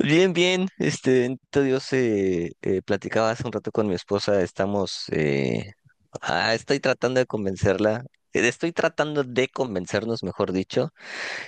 Bien, bien, bendito Dios. Platicaba hace un rato con mi esposa. Estoy tratando de convencerla. Estoy tratando de convencernos, mejor dicho.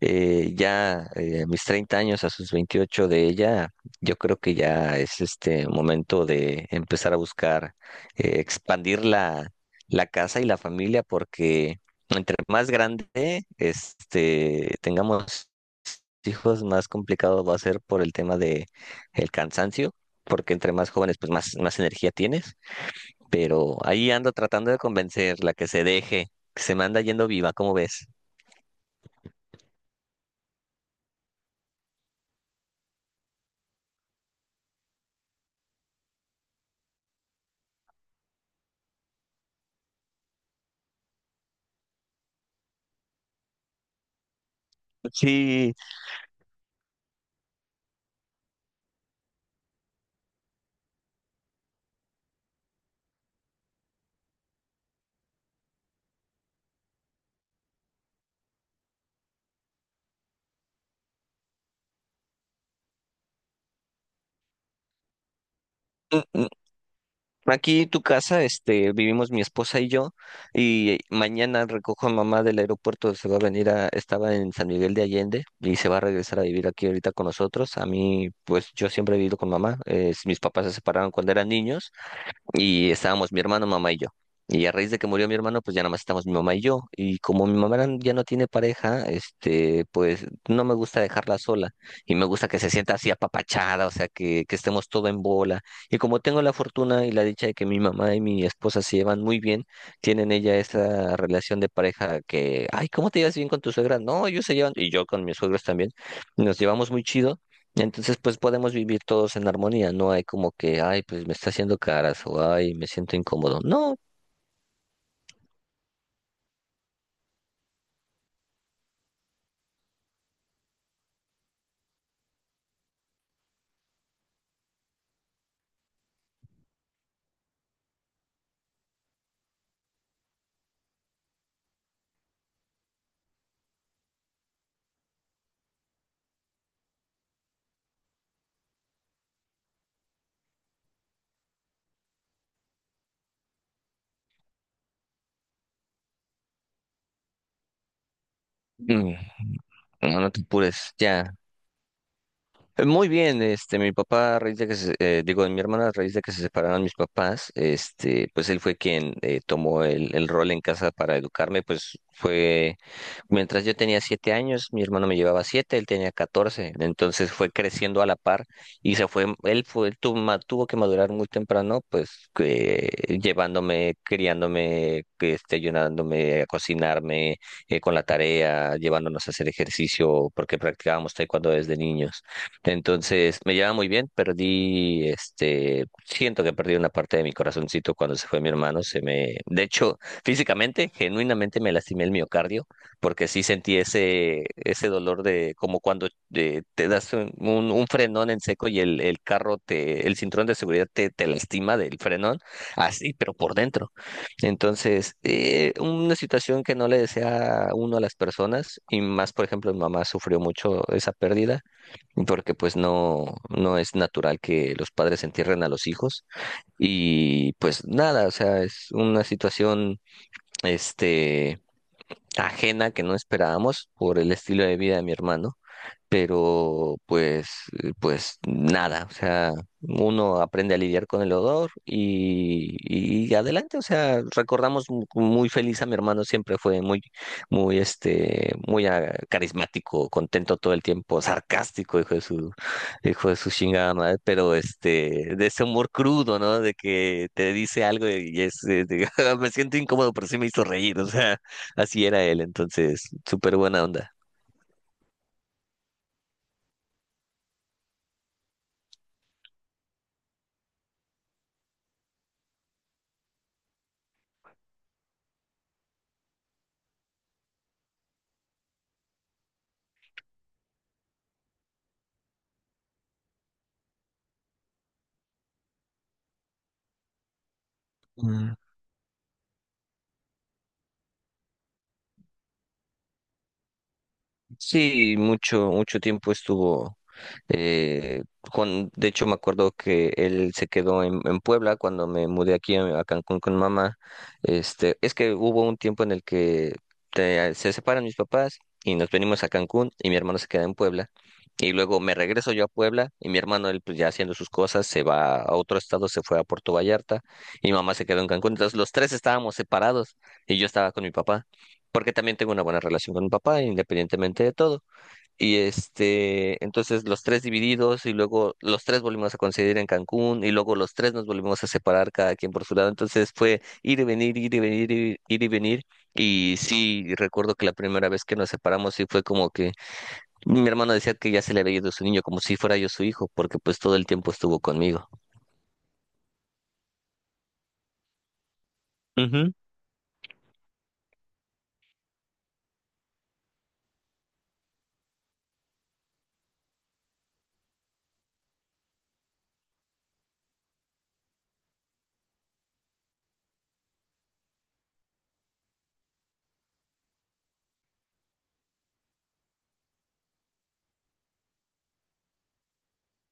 Ya a mis 30 años, a sus 28 de ella, yo creo que ya es este momento de empezar a buscar expandir la casa y la familia, porque entre más grande, tengamos hijos, más complicado va a ser por el tema de el cansancio, porque entre más jóvenes pues más, más energía tienes, pero ahí ando tratando de convencerla que se deje, que se me anda yendo viva. ¿Cómo ves? Sí. mm, mm, Aquí tu casa. Vivimos mi esposa y yo, y mañana recojo a mamá del aeropuerto. Se va a venir a, estaba en San Miguel de Allende y se va a regresar a vivir aquí ahorita con nosotros. A mí, pues yo siempre he vivido con mamá. Mis papás se separaron cuando eran niños. Y estábamos mi hermano, mamá y yo. Y a raíz de que murió mi hermano, pues ya nada más estamos mi mamá y yo. Y como mi mamá ya no tiene pareja, pues no me gusta dejarla sola. Y me gusta que se sienta así apapachada, o sea, que estemos todo en bola. Y como tengo la fortuna y la dicha de que mi mamá y mi esposa se llevan muy bien, tienen ella esa relación de pareja que, ay, ¿cómo te llevas bien con tu suegra? No, ellos se llevan, y yo con mis suegros también, nos llevamos muy chido. Entonces, pues podemos vivir todos en armonía. No hay como que, ay, pues me está haciendo caras, o ay, me siento incómodo. No. mm, no, no te apures, ya. Muy bien. Mi papá, a raíz de que se, digo, de mi hermana, a raíz de que se separaron mis papás, pues él fue quien tomó el rol en casa para educarme. Pues fue, mientras yo tenía 7 años, mi hermano me llevaba 7, él tenía 14. Entonces fue creciendo a la par y se fue, él fue, tuvo que madurar muy temprano, llevándome, criándome, que ayudándome a cocinarme, con la tarea, llevándonos a hacer ejercicio, porque practicábamos taekwondo desde niños. Entonces, me lleva muy bien. Perdí, siento que perdí una parte de mi corazoncito cuando se fue mi hermano. Se me, de hecho, físicamente, genuinamente me lastimé el miocardio, porque sí sentí ese, ese dolor de, como cuando te das un, un frenón en seco y el carro te, el cinturón de seguridad te, te lastima del frenón, así, pero por dentro. Entonces, una situación que no le desea uno a las personas, y más, por ejemplo, mi mamá sufrió mucho esa pérdida, porque pues no, no es natural que los padres entierren a los hijos. Y pues nada, o sea, es una situación este ajena que no esperábamos por el estilo de vida de mi hermano, pero pues, pues nada, o sea, uno aprende a lidiar con el odor y adelante, o sea, recordamos muy feliz a mi hermano. Siempre fue muy, muy, muy carismático, contento todo el tiempo, sarcástico, hijo de su chingada madre, pero este, de ese humor crudo, ¿no? De que te dice algo y es, de, me siento incómodo, pero sí me hizo reír, o sea, así era él. Entonces, súper buena onda. Sí, mucho, mucho tiempo estuvo. eh, con, de hecho, me acuerdo que él se quedó en Puebla cuando me mudé aquí a Cancún con mamá. Es que hubo un tiempo en el que se separan mis papás y nos venimos a Cancún y mi hermano se queda en Puebla. Y luego me regreso yo a Puebla y mi hermano, él pues ya haciendo sus cosas, se va a otro estado, se fue a Puerto Vallarta, y mamá se quedó en Cancún. Entonces los tres estábamos separados y yo estaba con mi papá, porque también tengo una buena relación con mi papá, independientemente de todo. Y entonces los tres divididos, y luego los tres volvimos a coincidir en Cancún, y luego los tres nos volvimos a separar cada quien por su lado. Entonces fue ir y venir, ir y venir, ir y venir. Y sí, recuerdo que la primera vez que nos separamos sí fue como que mi hermano decía que ya se le había ido su niño, como si fuera yo su hijo, porque pues todo el tiempo estuvo conmigo. Ujú.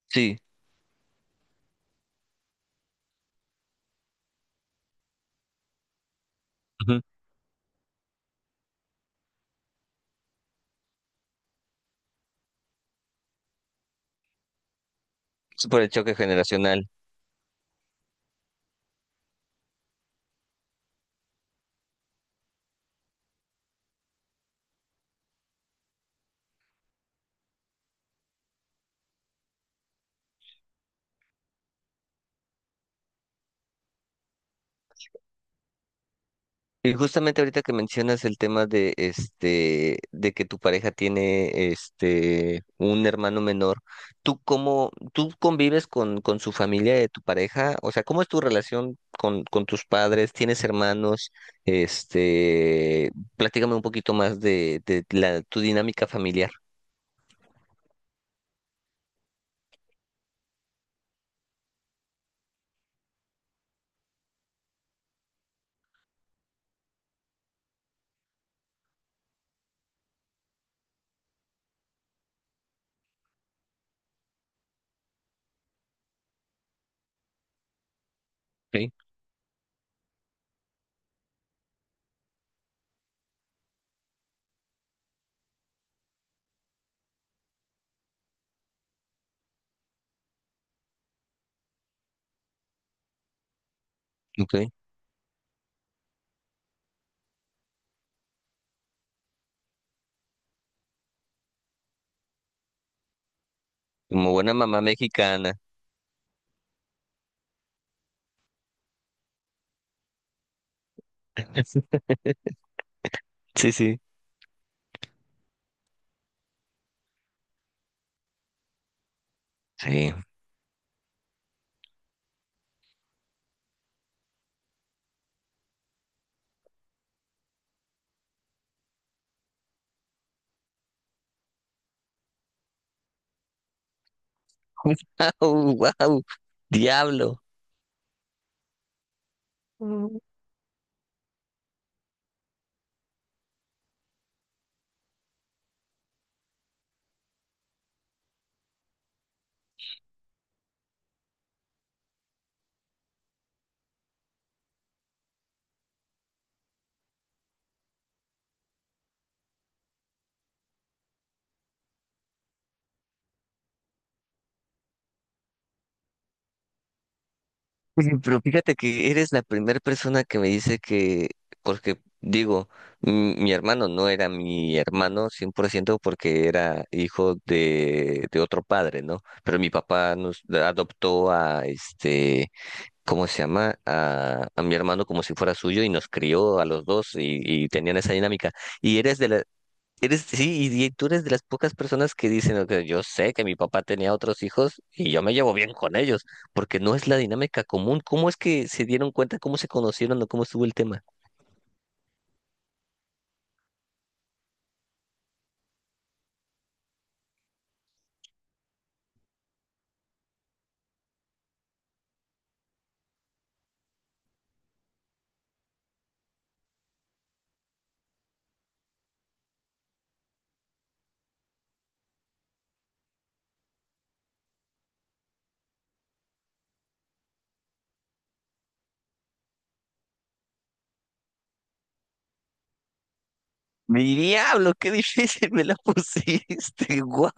Sí, ujú. Es por el choque generacional. Y justamente ahorita que mencionas el tema de de que tu pareja tiene un hermano menor, ¿tú cómo tú convives con su familia de tu pareja? O sea, ¿cómo es tu relación con tus padres? ¿Tienes hermanos? Este, Platícame un poquito más de la tu dinámica familiar. Okay, okay. Como buena mamá mexicana. Sí, sí. Sí. Wow, wow. Diablo. Oye. Pero fíjate que eres la primera persona que me dice que, porque digo, mi hermano no era mi hermano 100% porque era hijo de otro padre, ¿no? Pero mi papá nos adoptó a ¿cómo se llama? A mi hermano como si fuera suyo, y nos crió a los 2, y tenían esa dinámica. Y eres de la, Eres, sí, y tú eres de las pocas personas que dicen: "Ok, yo sé que mi papá tenía otros hijos y yo me llevo bien con ellos", porque no es la dinámica común. ¿Cómo es que se dieron cuenta, cómo se conocieron o cómo estuvo el tema? Mi diablo, qué difícil me la pusiste. Guau.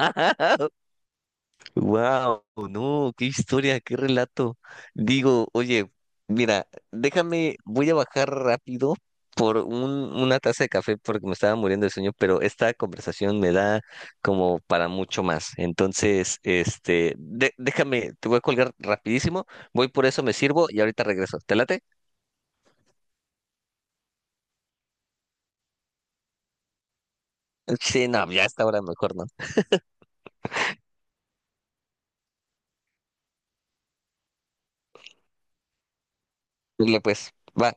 Wow, no, qué historia, qué relato. Digo, oye, mira, déjame, voy a bajar rápido por un, una taza de café porque me estaba muriendo de sueño, pero esta conversación me da como para mucho más. Entonces, déjame, te voy a colgar rapidísimo, voy por eso, me sirvo y ahorita regreso. ¿Te late? Sí, no, ya a esta hora mejor no. Dile pues, va.